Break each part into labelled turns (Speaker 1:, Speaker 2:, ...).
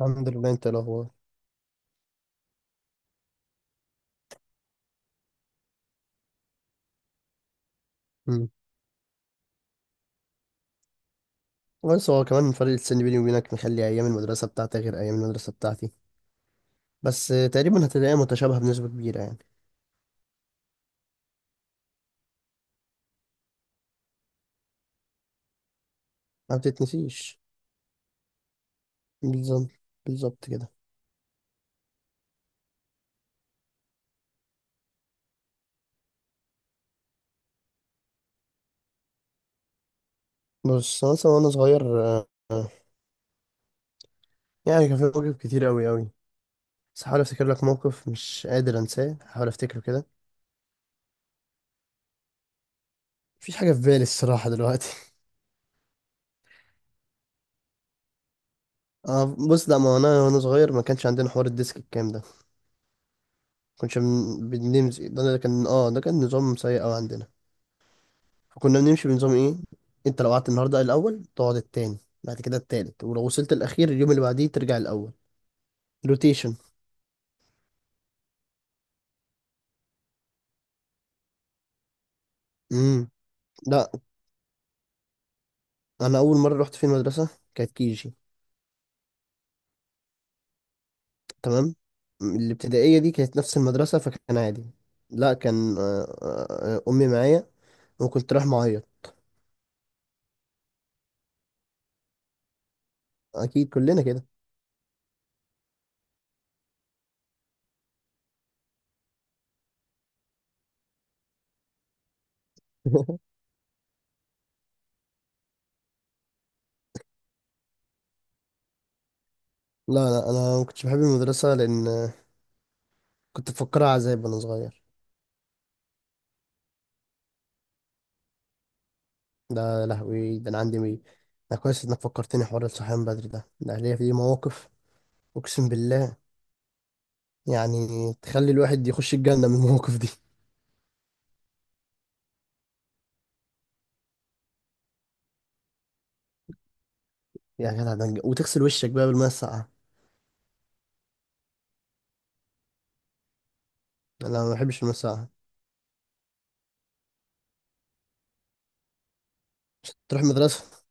Speaker 1: الحمد لله. انت إيه الاخبار؟ امم. بس هو كمان فرق السن بيني وبينك مخلي ايام المدرسه بتاعتك غير ايام المدرسه بتاعتي. بس تقريبا هتلاقيها متشابهه بنسبه كبيره يعني. ما بتتنسيش. بالظبط، بالظبط كده. بص مثلا وانا صغير، يعني كان في مواقف كتير قوي قوي. بس هحاول افتكر لك موقف مش قادر انساه، هحاول افتكره كده. مفيش حاجه في بالي الصراحه دلوقتي. اه، بص، لا، ما انا وانا صغير ما كانش عندنا حوار الديسك الكام ده. كناش بنمزق. ده كان نظام سيء قوي عندنا. فكنا بنمشي بنظام ايه. انت لو قعدت النهارده الاول، تقعد التاني، بعد كده التالت، ولو وصلت الاخير اليوم اللي بعديه ترجع الاول. روتيشن. امم. لا، انا اول مره رحت في المدرسه كانت كيجي، تمام، الابتدائيه دي كانت نفس المدرسه فكان عادي. لا، كان امي معايا وكنت رايح معيط. اكيد كلنا كده. لا، لا، انا ما كنتش بحب المدرسه لان كنت بفكرها عذاب وانا صغير. ده يا لهوي، ده انا عندي مي. ده كويس انك فكرتني حوار الصحيان بدري ده ليا فيه مواقف. اقسم بالله، يعني تخلي الواحد يخش الجنه من المواقف دي. يا جدع ده وتغسل وشك بقى بالميه الساقعه. انا ما بحبش الميه الساقعه. تروح المدرسه؟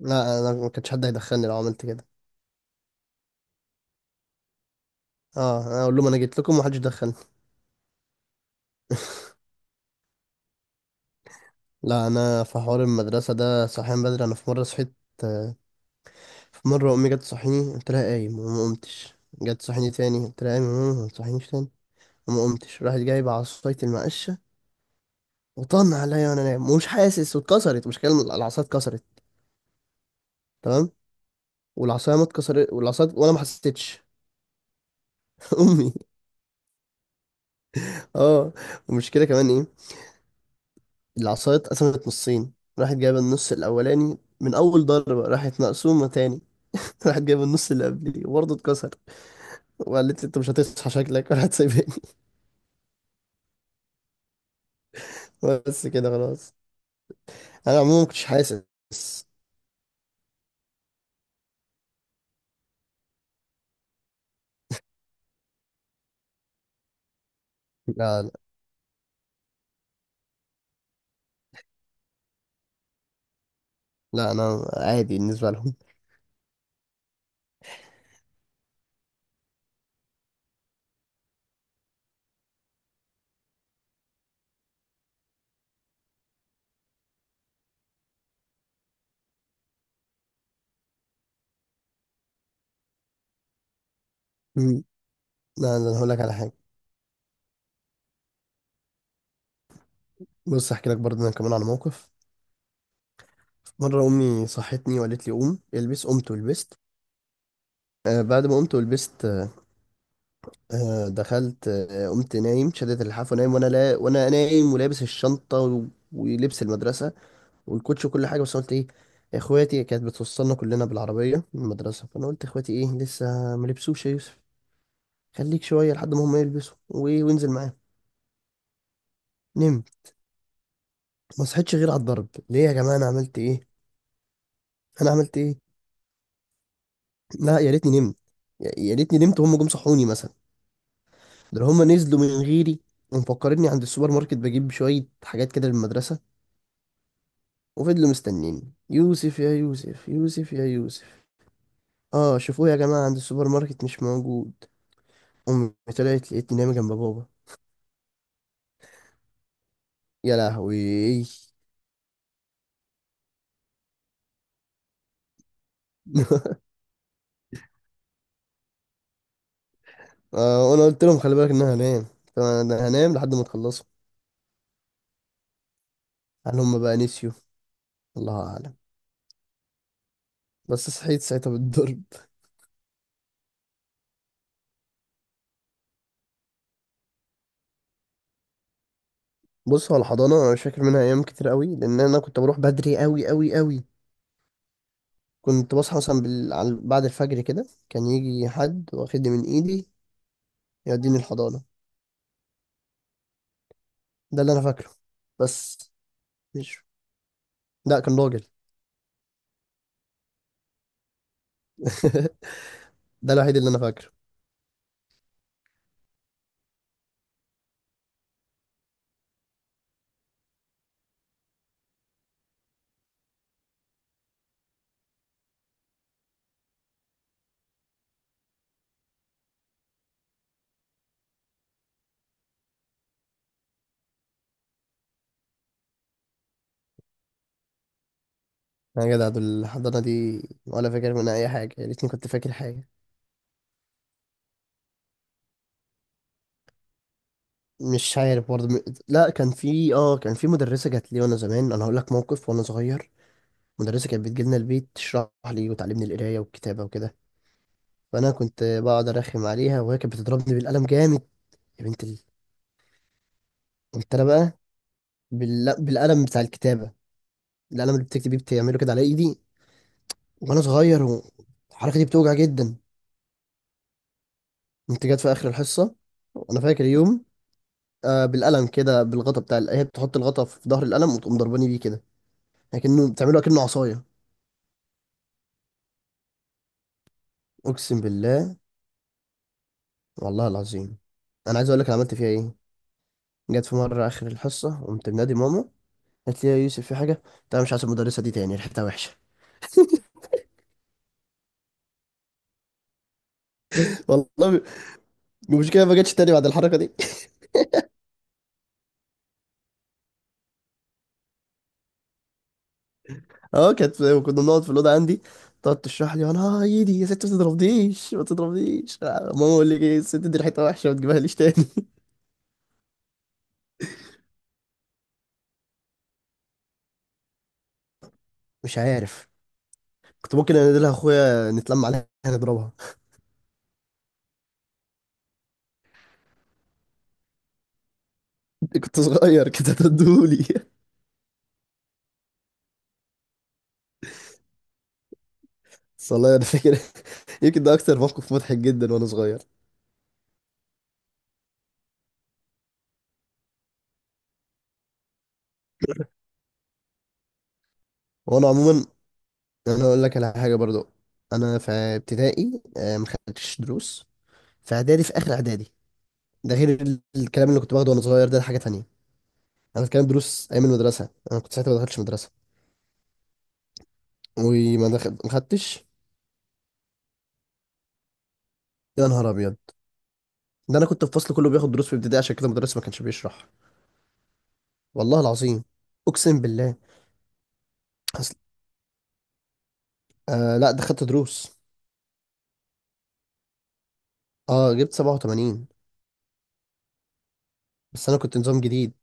Speaker 1: لا، انا ما كانش حد هيدخلني لو عملت كده. اه، انا اقول لهم انا جيت لكم ومحدش دخلني. لا، انا في حوار المدرسه ده صحيان بدري. انا في مره صحيت. آه، في مره امي جت تصحيني، قلت لها قايم، وما قمتش. جت تصحيني تاني، قلت لها قايم يا ماما ما تصحينيش تاني، وما قمتش. راحت جايبه عصايه المقشه وطن عليا وانا نايم ومش حاسس، واتكسرت، مش كلمه، العصايه اتكسرت، تمام، والعصايه ما اتكسرت، والعصايه وانا ما حسيتش. امي. اه والمشكله كمان ايه؟ العصايه اتقسمت نصين. راحت جايبه النص الاولاني من اول ضربه، راحت مقسومه تاني. راحت جايبه النص اللي قبليه وبرضه اتكسر. وقالت لي انت مش هتصحى شكلك ولا هتسيبني. بس كده خلاص. انا عموما ما كنتش حاسس. لا، لا، لا، انا عادي بالنسبه لهم. مم. لا، انا هقول لك على حاجه. بص احكي لك برضه انا كمان على موقف. مره امي صحتني وقالت لي قوم البس. قمت ولبست. آه، بعد ما قمت ولبست دخلت. قمت نايم، شدت اللحاف ونايم، وانا لا وانا نايم ولابس الشنطه ولبس المدرسه والكوتش وكل حاجه. بس قلت ايه، اخواتي كانت بتوصلنا كلنا بالعربيه من المدرسه. فانا قلت اخواتي ايه لسه ما لبسوش يا يوسف. خليك شويه لحد ما هم يلبسوا وانزل معاهم. نمت. ما صحيتش غير على الضرب، ليه يا جماعه انا عملت ايه، انا عملت ايه. لا يا ريتني نمت، يا ريتني نمت وهم جم صحوني مثلا. ده هم نزلوا من غيري ومفكرني عند السوبر ماركت بجيب شويه حاجات كده للمدرسه. وفضلوا مستنيين: يوسف، يا يوسف، يوسف، يا يوسف. اه شوفوه يا جماعة عند السوبر ماركت مش موجود. أمي طلعت لقيتني نايمة جنب بابا. يا لهوي. وأنا قلت لهم خلي بالك إن أنا هنام. طبعا أنا هنام لحد ما تخلصوا. هل هم بقى نسيوا؟ الله أعلم. بس صحيت ساعتها بالضرب. بص هو الحضانة أنا مش فاكر منها أيام كتير قوي لأن أنا كنت بروح بدري قوي قوي قوي. كنت بصحى مثلا بعد الفجر كده كان يجي حد واخدني من إيدي يوديني الحضانة. ده اللي أنا فاكره. بس مش لا، كان راجل. ده الوحيد اللي انا فاكره. يا جدع دول الحضانه دي ولا فاكر منها اي حاجه. يا ريتني كنت فاكر حاجه. مش عارف برضه لا، كان في مدرسه جات لي وانا زمان. انا هقول لك موقف وانا صغير. مدرسه كانت بتجي لنا البيت تشرح لي وتعلمني القرايه والكتابه وكده. فانا كنت بقعد ارخم عليها وهي كانت بتضربني بالقلم جامد. يا بنت ال... كنت انا بقى بالقلم بتاع الكتابه. القلم اللي بتكتب بيه بتعمله كده على ايدي وانا صغير. والحركه دي بتوجع جدا. انت جت في اخر الحصه. انا فاكر يوم، بالقلم كده بالغطا بتاع هي بتحط الغطا في ظهر القلم وتقوم ضرباني بيه كده لكنه بتعمله كأنه عصايه. اقسم بالله، والله العظيم. انا عايز اقول لك انا عملت فيها ايه. جت في مره اخر الحصه قمت منادي ماما. قالت لي يا يوسف في حاجه؟ قلت لها مش عايز المدرسه دي تاني، ريحتها وحشه. والله. مش كده ما جاتش تاني بعد الحركه دي. اه كانت كنا بنقعد في الاوضه عندي تقعد تشرح لي. انا ايدي يا ست ما تضربنيش ما تضربنيش. ماما اقول لك ايه الست دي ريحتها وحشه ما تجيبها ليش تاني. مش عارف. كنت ممكن انادلها اخويا نتلم عليها نضربها. كنت صغير كده تدولي. والله انا فاكر. يمكن ده اكتر موقف مضحك جدا وانا صغير. وانا عموما انا اقول لك على حاجه برضو. انا في ابتدائي ما خدتش دروس. في اعدادي، في اخر اعدادي. ده غير الكلام اللي كنت باخده وانا صغير، ده حاجه تانية. انا بتكلم دروس ايام المدرسه. انا كنت ساعتها ما دخلتش مدرسه وما دخل ما خدتش. يا نهار ابيض، ده انا كنت في فصل كله بياخد دروس في ابتدائي عشان كده المدرس ما كانش بيشرح. والله العظيم، اقسم بالله. آه لا، ده خدت دروس. اه جبت 87. بس انا كنت نظام جديد.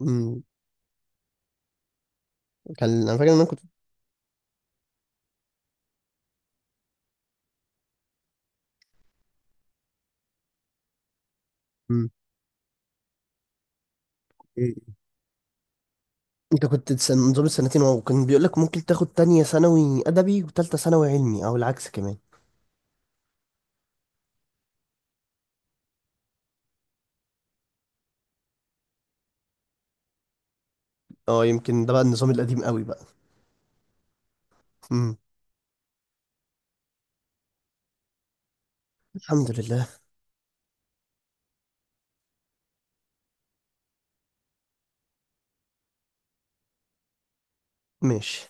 Speaker 1: مم. كان انا فاكر ان انا كنت. مم. مم. انت كنت نظام السنتين. واو، كان بيقول لك ممكن تاخد تانية ثانوي ادبي وتالتة ثانوي علمي او العكس كمان. اه، يمكن ده بقى النظام القديم قوي بقى. مم. الحمد لله. ماشي.